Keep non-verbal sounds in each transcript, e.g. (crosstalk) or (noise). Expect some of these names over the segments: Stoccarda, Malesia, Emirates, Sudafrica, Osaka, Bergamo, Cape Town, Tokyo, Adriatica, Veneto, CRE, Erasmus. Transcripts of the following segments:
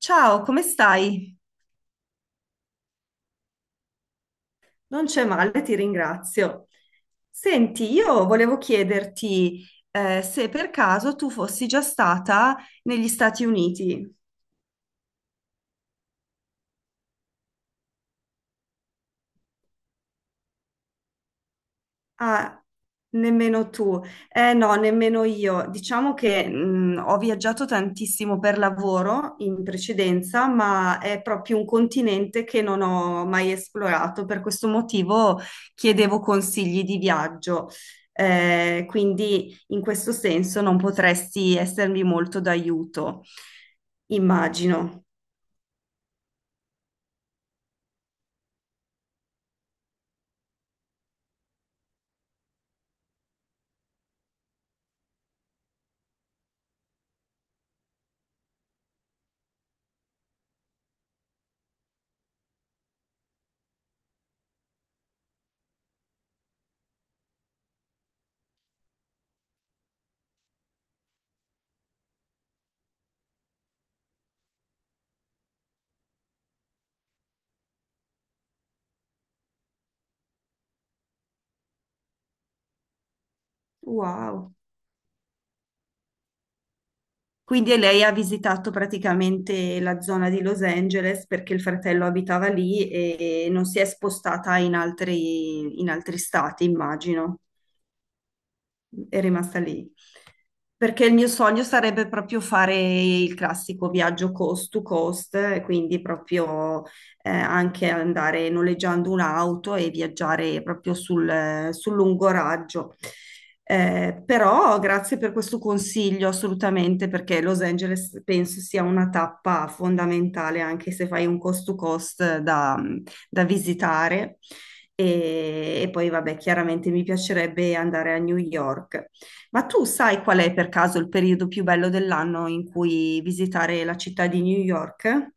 Ciao, come stai? Non c'è male, ti ringrazio. Senti, io volevo chiederti se per caso tu fossi già stata negli Stati Uniti. Ah, nemmeno tu. Eh no, nemmeno io. Diciamo che ho viaggiato tantissimo per lavoro in precedenza, ma è proprio un continente che non ho mai esplorato. Per questo motivo chiedevo consigli di viaggio. Quindi in questo senso non potresti essermi molto d'aiuto, immagino. Wow. Quindi lei ha visitato praticamente la zona di Los Angeles perché il fratello abitava lì e non si è spostata in altri stati, immagino è rimasta lì. Perché il mio sogno sarebbe proprio fare il classico viaggio coast to coast, quindi proprio anche andare noleggiando un'auto e viaggiare proprio sul lungo raggio. Però grazie per questo consiglio assolutamente, perché Los Angeles penso sia una tappa fondamentale, anche se fai un coast to coast da visitare. E poi, vabbè, chiaramente mi piacerebbe andare a New York. Ma tu sai qual è per caso il periodo più bello dell'anno in cui visitare la città di New York?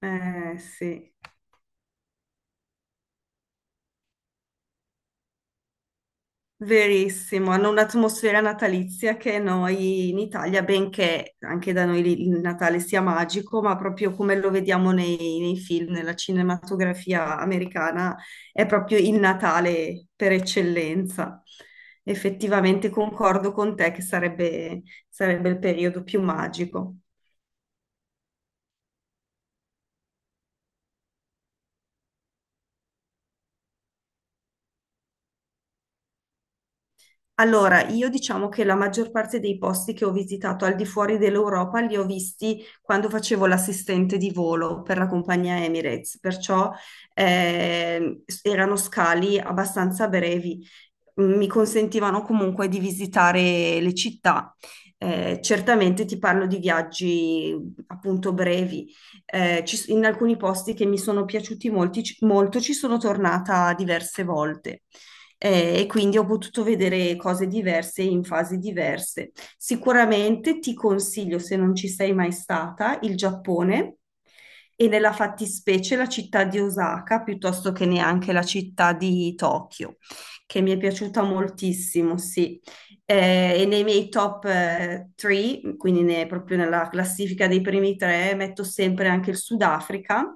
Sì. Verissimo, hanno un'atmosfera natalizia che noi in Italia, benché anche da noi lì il Natale sia magico, ma proprio come lo vediamo nei film, nella cinematografia americana, è proprio il Natale per eccellenza. Effettivamente concordo con te che sarebbe il periodo più magico. Allora, io diciamo che la maggior parte dei posti che ho visitato al di fuori dell'Europa li ho visti quando facevo l'assistente di volo per la compagnia Emirates, perciò erano scali abbastanza brevi. Mi consentivano comunque di visitare le città. Certamente ti parlo di viaggi appunto brevi. In alcuni posti che mi sono piaciuti molto ci sono tornata diverse volte e quindi ho potuto vedere cose diverse in fasi diverse. Sicuramente ti consiglio, se non ci sei mai stata, il Giappone e nella fattispecie la città di Osaka, piuttosto che neanche la città di Tokyo, che mi è piaciuta moltissimo, sì. E nei miei top 3, quindi proprio nella classifica dei primi tre, metto sempre anche il Sudafrica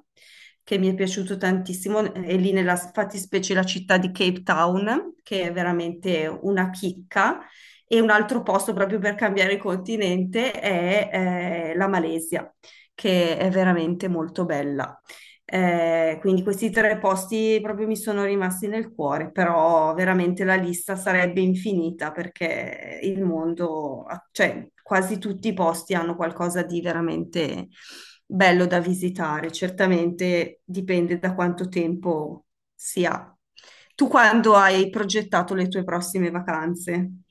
che mi è piaciuto tantissimo, è lì nella fattispecie la città di Cape Town, che è veramente una chicca. E un altro posto proprio per cambiare continente è la Malesia, che è veramente molto bella. Quindi questi tre posti proprio mi sono rimasti nel cuore, però veramente la lista sarebbe infinita perché il mondo, cioè quasi tutti i posti hanno qualcosa di veramente bello da visitare. Certamente dipende da quanto tempo si ha. Tu quando hai progettato le tue prossime vacanze?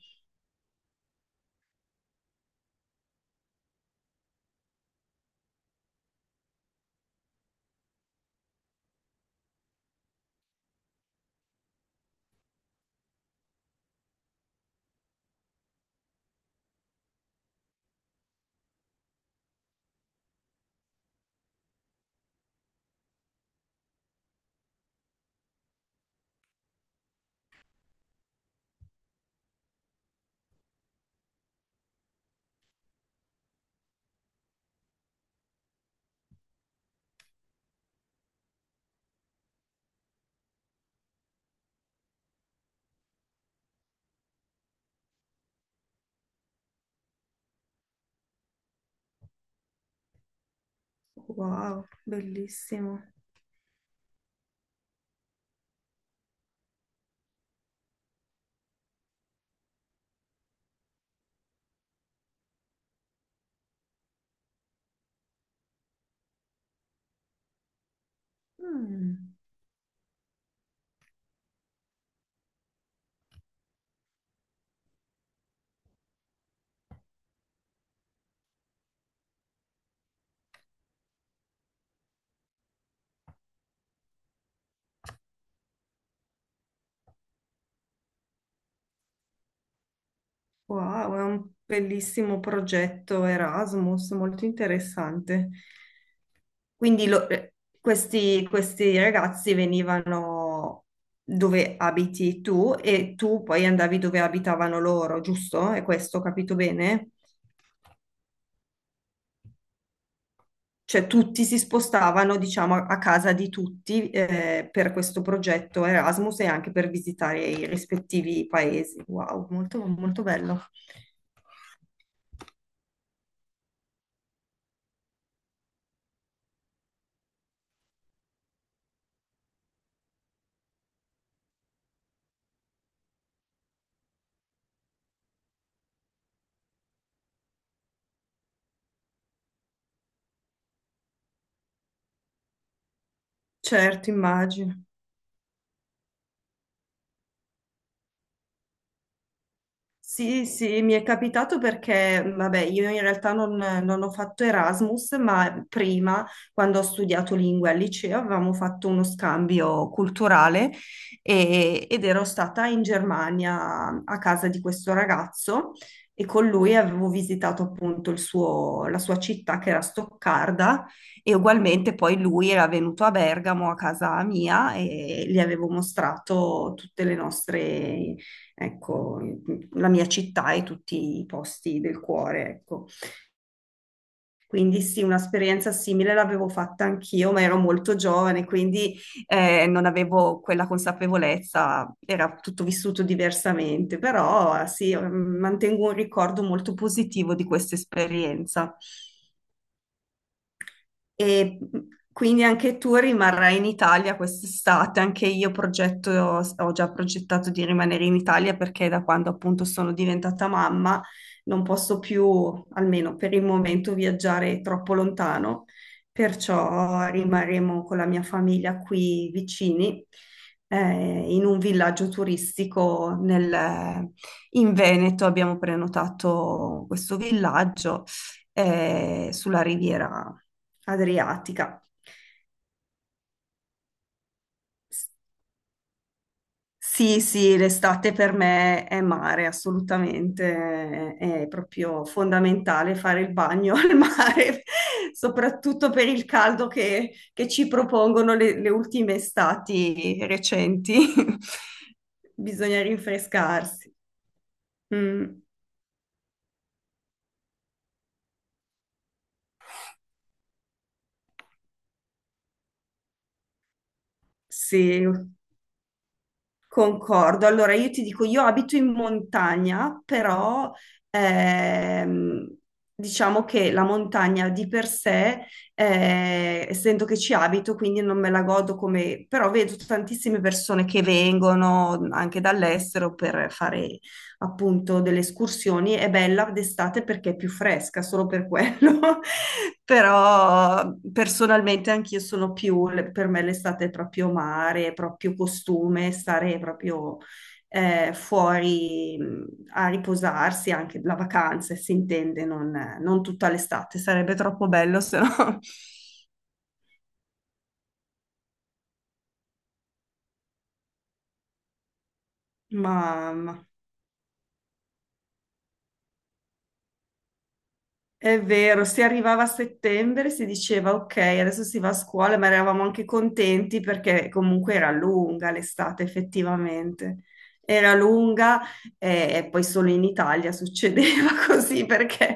Wow, bellissimo. Mm. Wow, è un bellissimo progetto Erasmus, molto interessante. Quindi questi ragazzi venivano dove abiti tu e tu poi andavi dove abitavano loro, giusto? È questo, ho capito bene? Cioè tutti si spostavano, diciamo, a casa di tutti per questo progetto Erasmus e anche per visitare i rispettivi paesi. Wow, molto, molto bello. Certo, immagino. Sì, sì, mi è capitato perché, vabbè, io in realtà non ho fatto Erasmus, ma prima, quando ho studiato lingue al liceo, avevamo fatto uno scambio culturale ed ero stata in Germania a casa di questo ragazzo e con lui avevo visitato appunto la sua città che era Stoccarda e ugualmente poi lui era venuto a Bergamo a casa mia e gli avevo mostrato tutte le nostre ecco, la mia città e tutti i posti del cuore, ecco. Quindi sì, un'esperienza simile l'avevo fatta anch'io, ma ero molto giovane, quindi non avevo quella consapevolezza, era tutto vissuto diversamente, però sì, mantengo un ricordo molto positivo di questa esperienza. E quindi anche tu rimarrai in Italia quest'estate, anche io ho già progettato di rimanere in Italia perché da quando appunto sono diventata mamma non posso più, almeno per il momento, viaggiare troppo lontano, perciò rimarremo con la mia famiglia qui vicini, in un villaggio turistico in Veneto abbiamo prenotato questo villaggio sulla riviera Adriatica. S- Sì, sì, l'estate per me è mare, assolutamente, è proprio fondamentale fare il bagno (laughs) al mare, soprattutto per il caldo che ci propongono le ultime estati recenti. (laughs) Bisogna rinfrescarsi. Mm, sì. Concordo. Allora, io ti dico, io abito in montagna, però ehm, diciamo che la montagna di per sé, essendo che ci abito, quindi non me la godo come, però vedo tantissime persone che vengono anche dall'estero per fare appunto delle escursioni. È bella d'estate perché è più fresca, solo per quello. (laughs) Però personalmente anch'io sono più, per me l'estate è proprio mare, è proprio costume, stare proprio fuori a riposarsi, anche la vacanza, si intende, non tutta l'estate, sarebbe troppo bello se no. (laughs) Ma, ma È vero, si arrivava a settembre, si diceva ok, adesso si va a scuola, ma eravamo anche contenti perché comunque era lunga l'estate effettivamente. Era lunga e, poi solo in Italia succedeva (laughs) così perché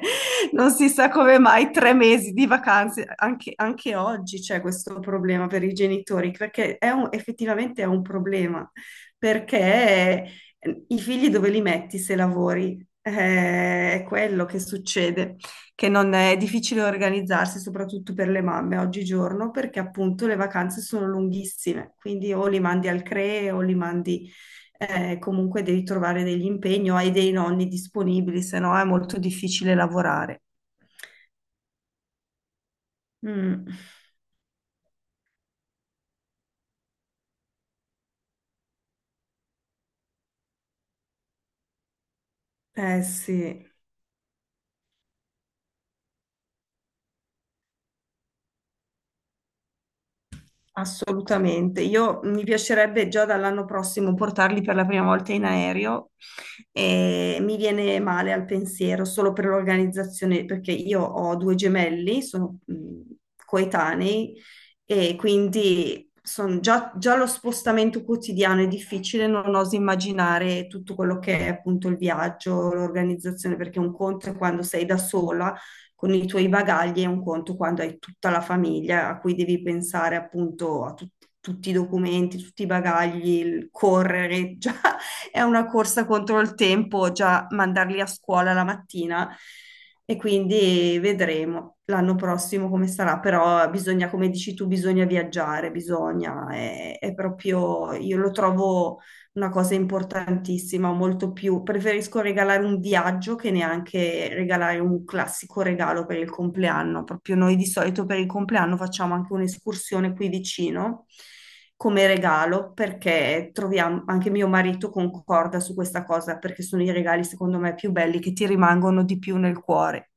non si sa come mai 3 mesi di vacanze, anche oggi c'è questo problema per i genitori, perché effettivamente è un problema, perché i figli dove li metti se lavori? È quello che succede che non è difficile organizzarsi, soprattutto per le mamme oggigiorno, perché appunto le vacanze sono lunghissime, quindi o li mandi al CRE o li mandi comunque devi trovare degli impegni o hai dei nonni disponibili, se no è molto difficile lavorare. Mm. Eh sì. Assolutamente, io mi piacerebbe già dall'anno prossimo portarli per la prima volta in aereo e mi viene male al pensiero solo per l'organizzazione, perché io ho 2 gemelli, sono coetanei e quindi già, già lo spostamento quotidiano è difficile, non oso immaginare tutto quello che è appunto il viaggio, l'organizzazione, perché un conto è quando sei da sola con i tuoi bagagli è un conto quando hai tutta la famiglia a cui devi pensare appunto a tutti i documenti, tutti i bagagli, il correre, già (laughs) è una corsa contro il tempo, già mandarli a scuola la mattina e quindi vedremo l'anno prossimo come sarà, però bisogna, come dici tu, bisogna viaggiare, bisogna, è proprio, io lo trovo una cosa importantissima, molto più. Preferisco regalare un viaggio che neanche regalare un classico regalo per il compleanno. Proprio noi di solito per il compleanno facciamo anche un'escursione qui vicino come regalo, perché troviamo, anche mio marito concorda su questa cosa, perché sono i regali secondo me più belli che ti rimangono di più nel cuore.